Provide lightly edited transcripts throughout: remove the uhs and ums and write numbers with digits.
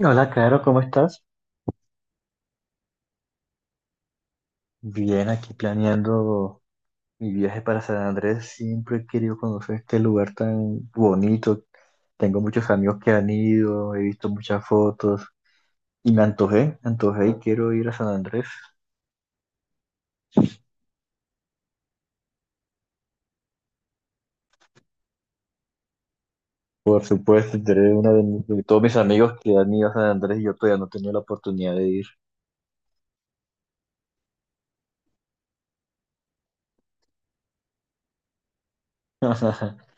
Hola, Caro, ¿cómo estás? Bien, aquí planeando mi viaje para San Andrés. Siempre he querido conocer este lugar tan bonito. Tengo muchos amigos que han ido, he visto muchas fotos y me antojé y quiero ir a San Andrés. Por supuesto, tú eres de todos mis amigos que han ido a San Andrés y yo todavía no he tenido la oportunidad de ir.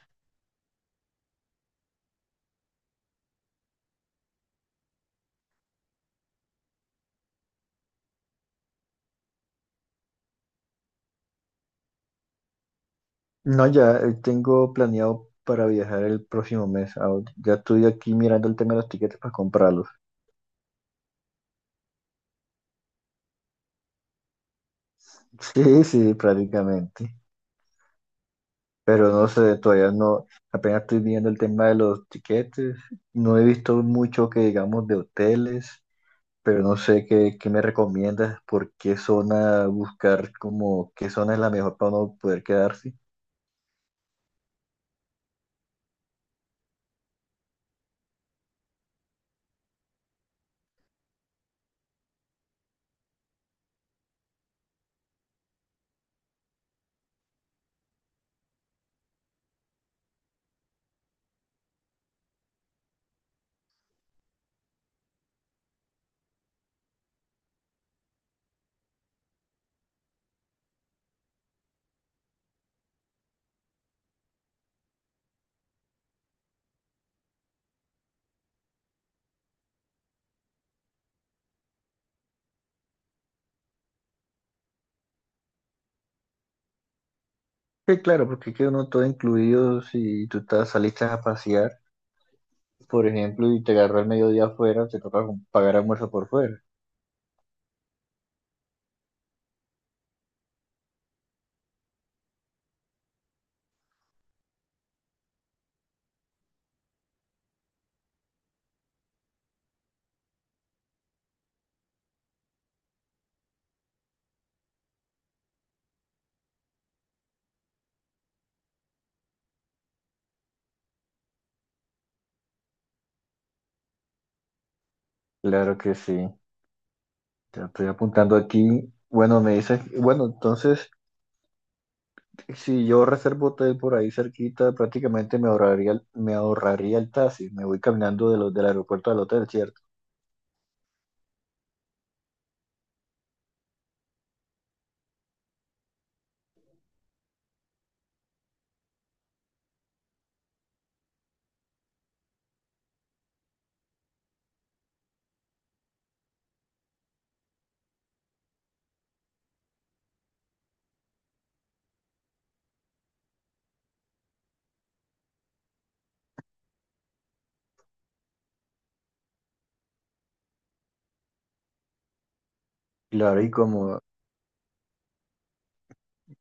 No, ya tengo planeado para viajar el próximo mes. Ya estoy aquí mirando el tema de los tiquetes para comprarlos. Sí, sí, prácticamente. Pero no sé, todavía no, apenas estoy viendo el tema de los tiquetes. No he visto mucho que digamos de hoteles, pero no sé qué me recomiendas, por qué zona buscar, como qué zona es la mejor para uno poder quedarse. Que claro, porque queda uno todo incluido si tú estás, saliste a pasear, por ejemplo, y te agarró el mediodía afuera, te toca pagar almuerzo por fuera. Claro que sí, te lo estoy apuntando aquí. Bueno, me dices, bueno, entonces. Si yo reservo hotel por ahí cerquita, prácticamente me ahorraría el taxi. Me voy caminando de los del aeropuerto al hotel, ¿cierto? Claro, y como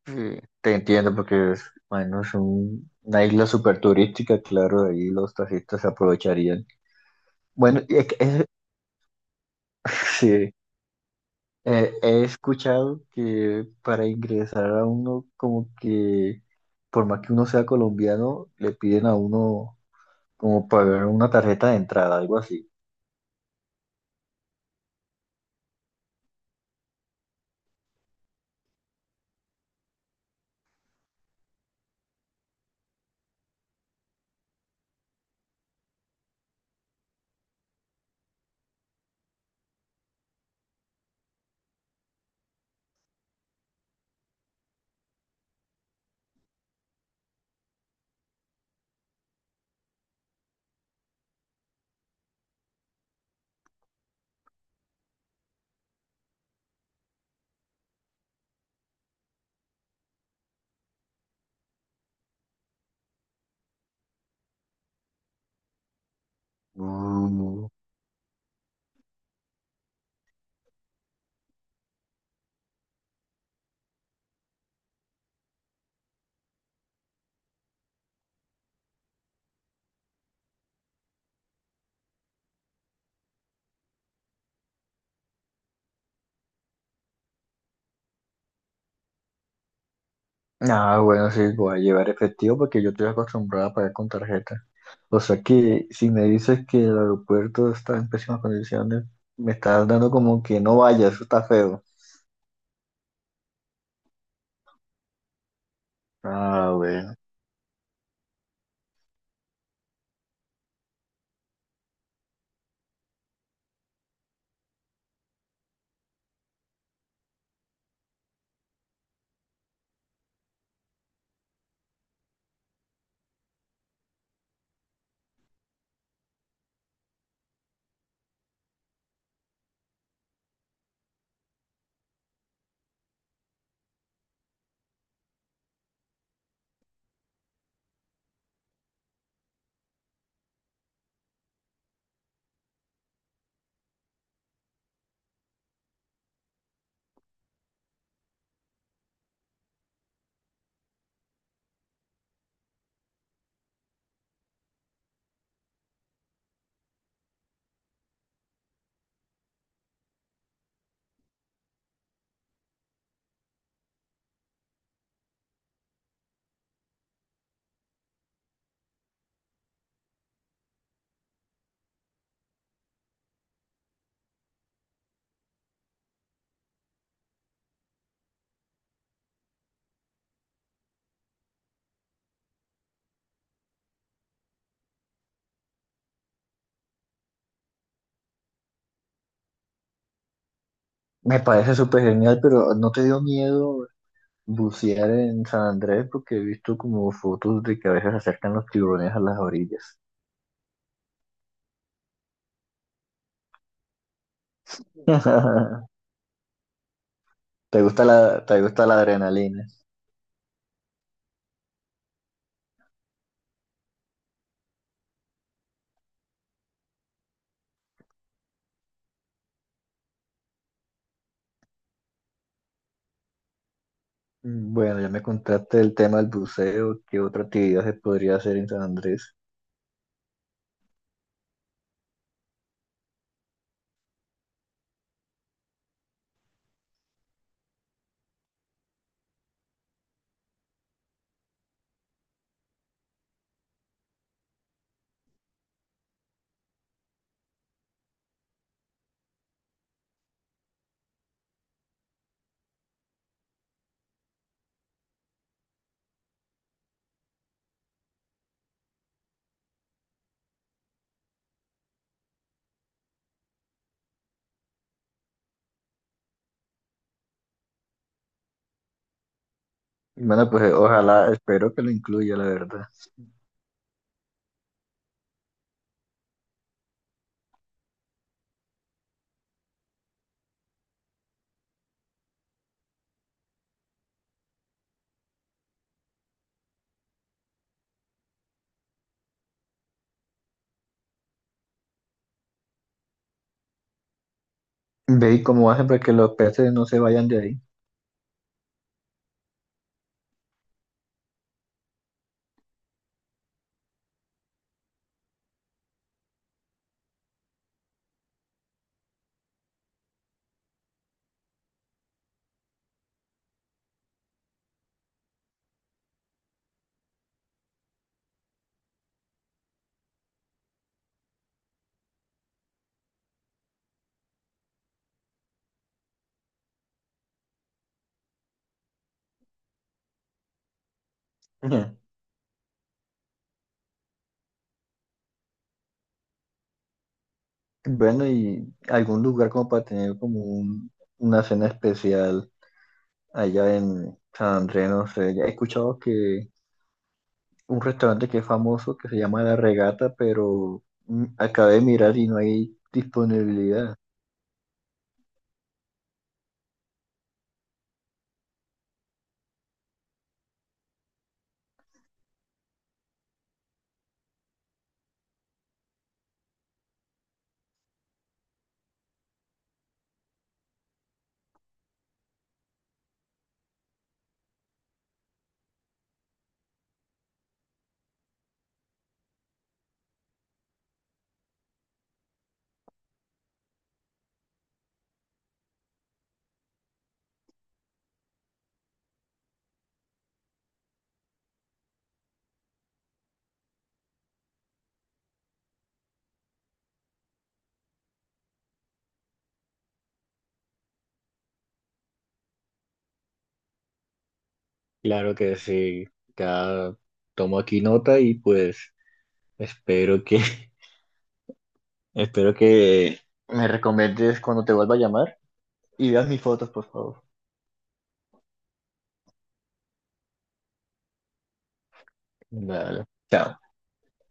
te entiendo, porque es, bueno, una isla súper turística, claro, ahí los taxistas se aprovecharían. Bueno, sí, he escuchado que para ingresar a uno, como que por más que uno sea colombiano, le piden a uno como pagar una tarjeta de entrada, algo así. Uh, Ah, bueno, sí, voy a llevar efectivo porque yo estoy acostumbrado a pagar con tarjeta. O sea que si me dices que el aeropuerto está en pésimas condiciones, me estás dando como que no vaya, eso está feo. Ah, bueno. Me parece súper genial, pero ¿no te dio miedo bucear en San Andrés? Porque he visto como fotos de que a veces acercan los tiburones a las orillas. ¿Te gusta la adrenalina? Mm, bueno, ya me contaste el tema del buceo. ¿Qué otra actividad se podría hacer en San Andrés? Bueno, pues ojalá, espero que lo incluya, la verdad. Ve y cómo hacen para que los peces no se vayan de ahí. Ujú. Bueno, y algún lugar como para tener como una cena especial allá en San Andrés, no sé. Ya he escuchado que un restaurante que es famoso que se llama La Regata, pero mm, acabé de mirar y no hay disponibilidad. Claro que sí, ya tomo aquí nota y pues espero que, espero que ¿me recomiendes cuando te vuelva a llamar? Y veas mis fotos, por favor. Dale. Chao.